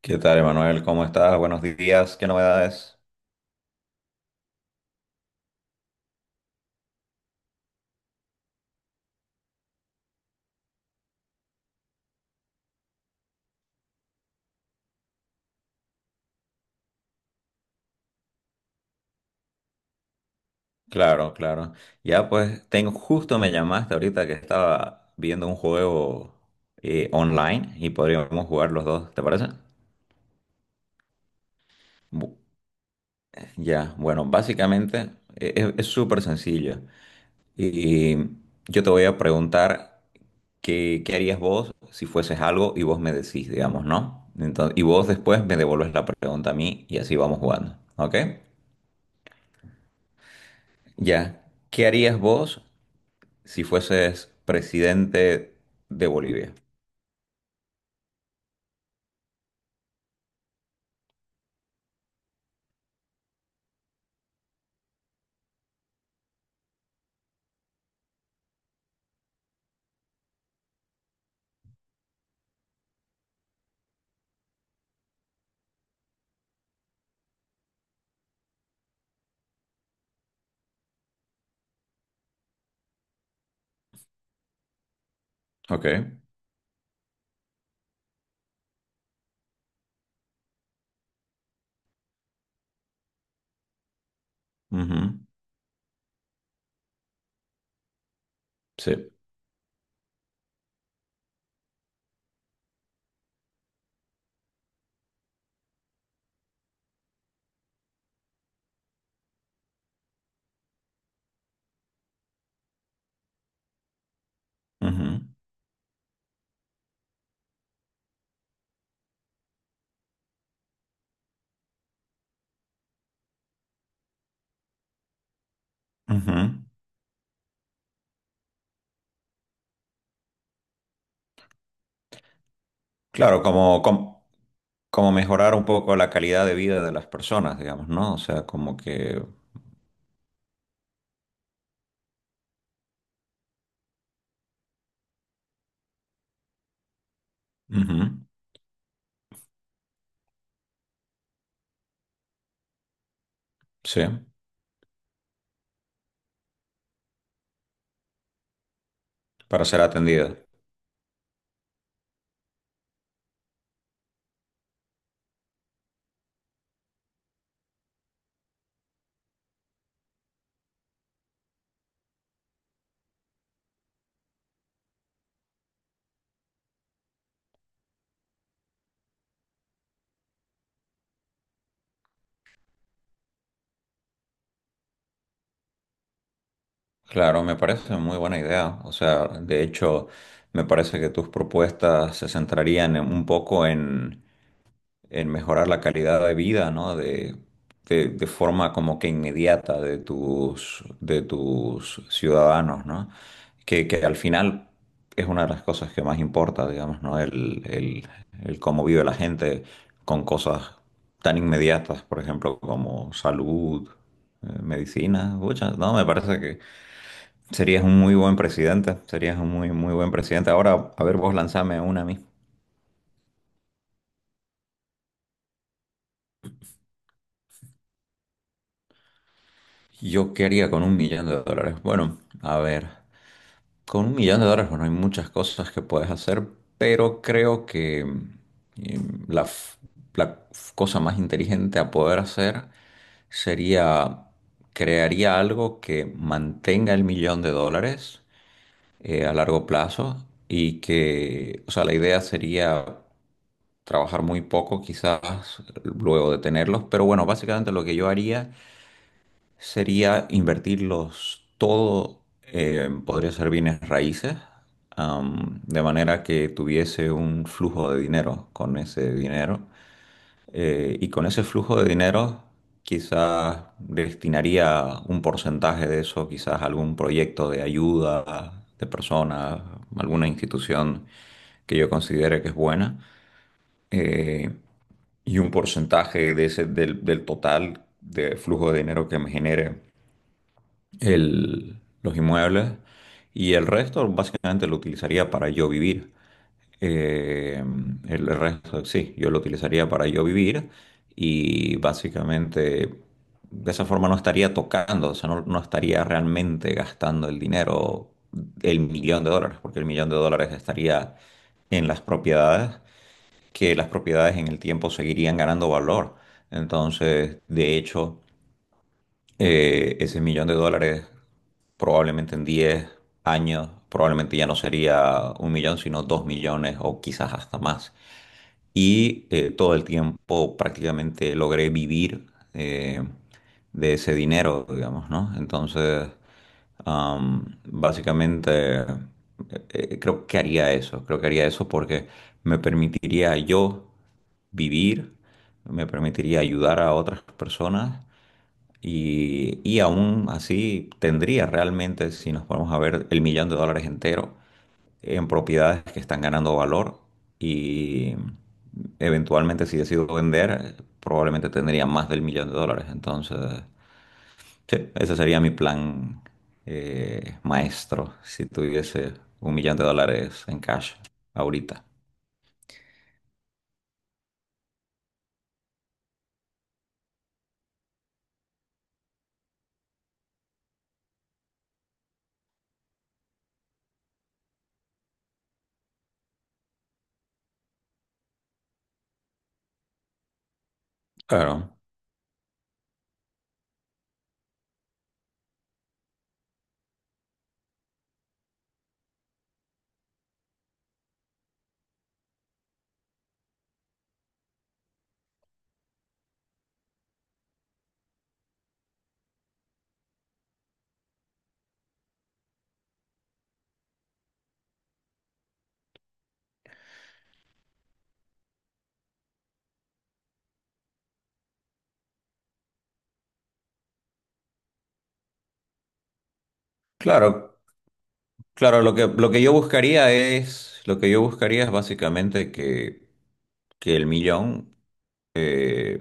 ¿Qué tal, Emanuel? ¿Cómo estás? Buenos días. ¿Qué novedades? Claro, claro. Ya pues, tengo, justo me llamaste ahorita que estaba viendo un juego online y podríamos jugar los dos, ¿te parece? Bu- ya, bueno, básicamente es súper sencillo. Y yo te voy a preguntar qué harías vos si fueses algo y vos me decís, digamos, ¿no? Entonces, y vos después me devolves la pregunta a mí y así vamos jugando, ¿ok? Ya, ¿qué harías vos si fueses presidente de Bolivia? Ok. Ujú. Sí. Ujú. Ujú. Claro, mejorar un poco la calidad de vida de las personas, digamos, ¿no? O sea, como que... Ujú. Sí, para ser atendida. Claro, me parece muy buena idea. O sea, de hecho, me parece que tus propuestas se centrarían un poco en mejorar la calidad de vida, ¿no? De, de forma como que inmediata de tus ciudadanos, ¿no? Que al final es una de las cosas que más importa, digamos, ¿no? El, el cómo vive la gente con cosas tan inmediatas, por ejemplo, como salud, medicina, pucha, no, me parece que serías un muy buen presidente, serías un muy, muy buen presidente. Ahora, a ver, vos lanzame una a mí. ¿Yo qué haría con un millón de dólares? Bueno, a ver, con un millón de dólares, bueno, hay muchas cosas que puedes hacer, pero creo que la cosa más inteligente a poder hacer sería, crearía algo que mantenga el millón de dólares a largo plazo y que, o sea, la idea sería trabajar muy poco quizás luego de tenerlos, pero bueno, básicamente lo que yo haría sería invertirlos todo, podría ser bienes raíces, de manera que tuviese un flujo de dinero con ese dinero. Y con ese flujo de dinero quizás destinaría un porcentaje de eso, quizás a algún proyecto de ayuda de personas, alguna institución que yo considere que es buena. eh, y un porcentaje de ese, del, del total de flujo de dinero que me genere los inmuebles y el resto básicamente lo utilizaría para yo vivir. Eh, el resto sí, yo lo utilizaría para yo vivir y básicamente de esa forma no estaría tocando, o sea, no estaría realmente gastando el dinero, el millón de dólares, porque el millón de dólares estaría en las propiedades, que las propiedades en el tiempo seguirían ganando valor. Entonces, de hecho ese millón de dólares probablemente en 10 años, probablemente ya no sería un millón, sino 2 millones o quizás hasta más y todo el tiempo prácticamente logré vivir eh, de ese dinero, digamos, ¿no? Entonces, básicamente, creo que haría eso, creo que haría eso porque me permitiría yo vivir, me permitiría ayudar a otras personas. Y aún así tendría realmente, si nos ponemos a ver, el millón de dólares entero en propiedades que están ganando valor y eventualmente si decido vender, probablemente tendría más del millón de dólares. Entonces, sí, ese sería mi plan maestro si tuviese un millón de dólares en cash ahorita. Claro, claro, claro, lo que yo buscaría es, lo que yo buscaría es básicamente que el millón eh,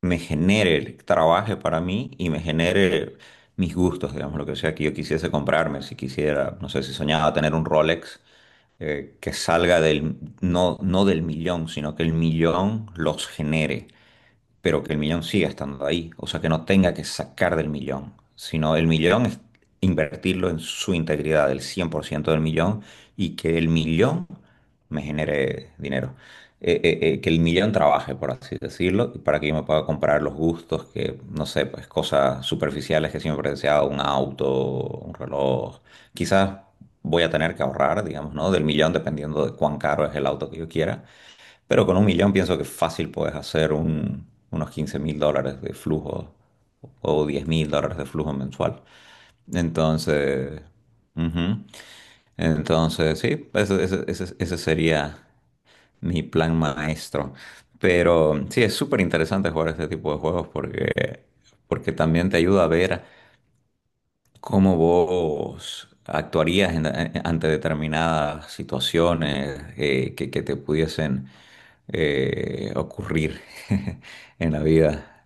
me genere, trabaje para mí y me genere mis gustos, digamos, lo que sea que yo quisiese comprarme, si quisiera, no sé, si soñaba tener un Rolex, que salga del, no, no del millón, sino que el millón los genere pero que el millón siga estando ahí, o sea, que no tenga que sacar del millón, sino el millón es invertirlo en su integridad, el 100% del millón, y que el millón me genere dinero. Que el millón trabaje, por así decirlo, para que yo me pueda comprar los gustos, que no sé, pues cosas superficiales que siempre he deseado, un auto, un reloj. Quizás voy a tener que ahorrar, digamos, ¿no? Del millón, dependiendo de cuán caro es el auto que yo quiera pero con un millón pienso que fácil puedes hacer unos $15.000 de flujo o $10.000 de flujo mensual. Entonces, ujú. Entonces, sí, ese sería mi plan maestro. Pero sí, es súper interesante jugar este tipo de juegos porque, porque también te ayuda a ver ¿cómo vos actuarías ante determinadas situaciones que te pudiesen ocurrir en la vida?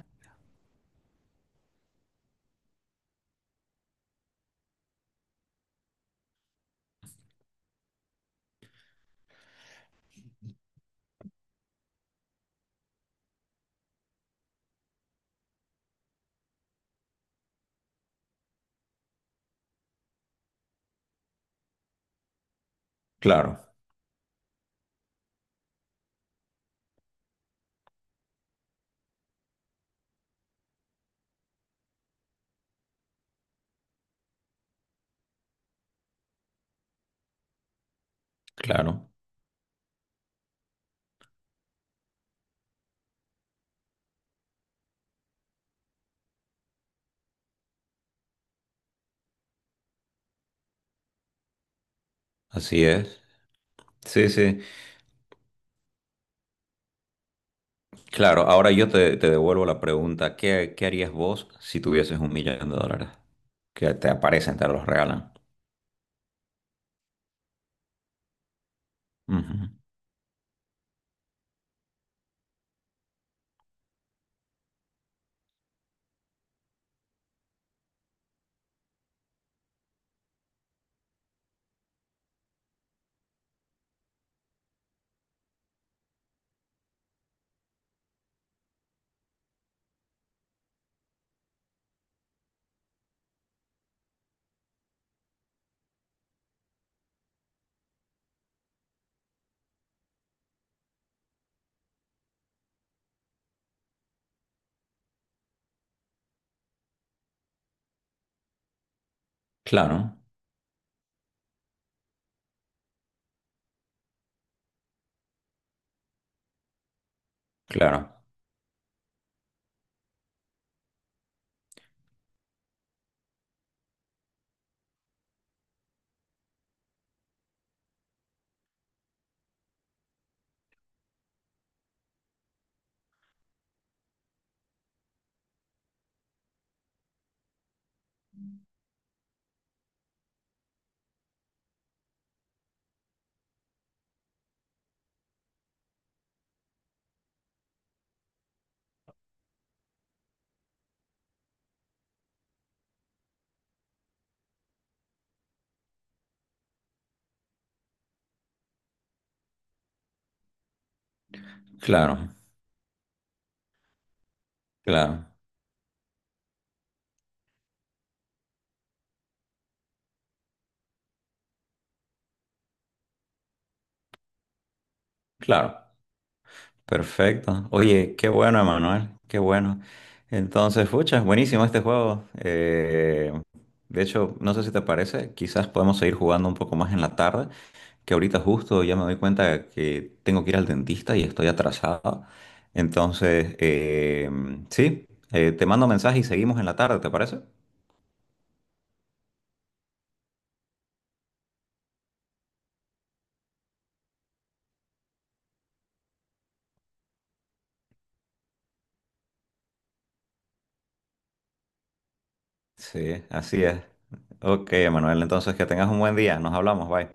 Claro, claro, así es. Sí, sí, claro. Ahora yo te devuelvo la pregunta, ¿qué, qué harías vos si tuvieses un millón de dólares? Que te aparecen, te los regalan. Ujú. Claro, claro, claro, claro, claro. Perfecto. Oye, qué bueno, Emanuel, qué bueno. Entonces, fucha, buenísimo este juego. De hecho, no sé si te parece, quizás podemos seguir jugando un poco más en la tarde, que ahorita justo ya me doy cuenta que tengo que ir al dentista y estoy atrasado. Entonces, sí, te mando mensaje y seguimos en la tarde, ¿te parece? Sí, así es. Ok, Emanuel, entonces que tengas un buen día. Nos hablamos, bye.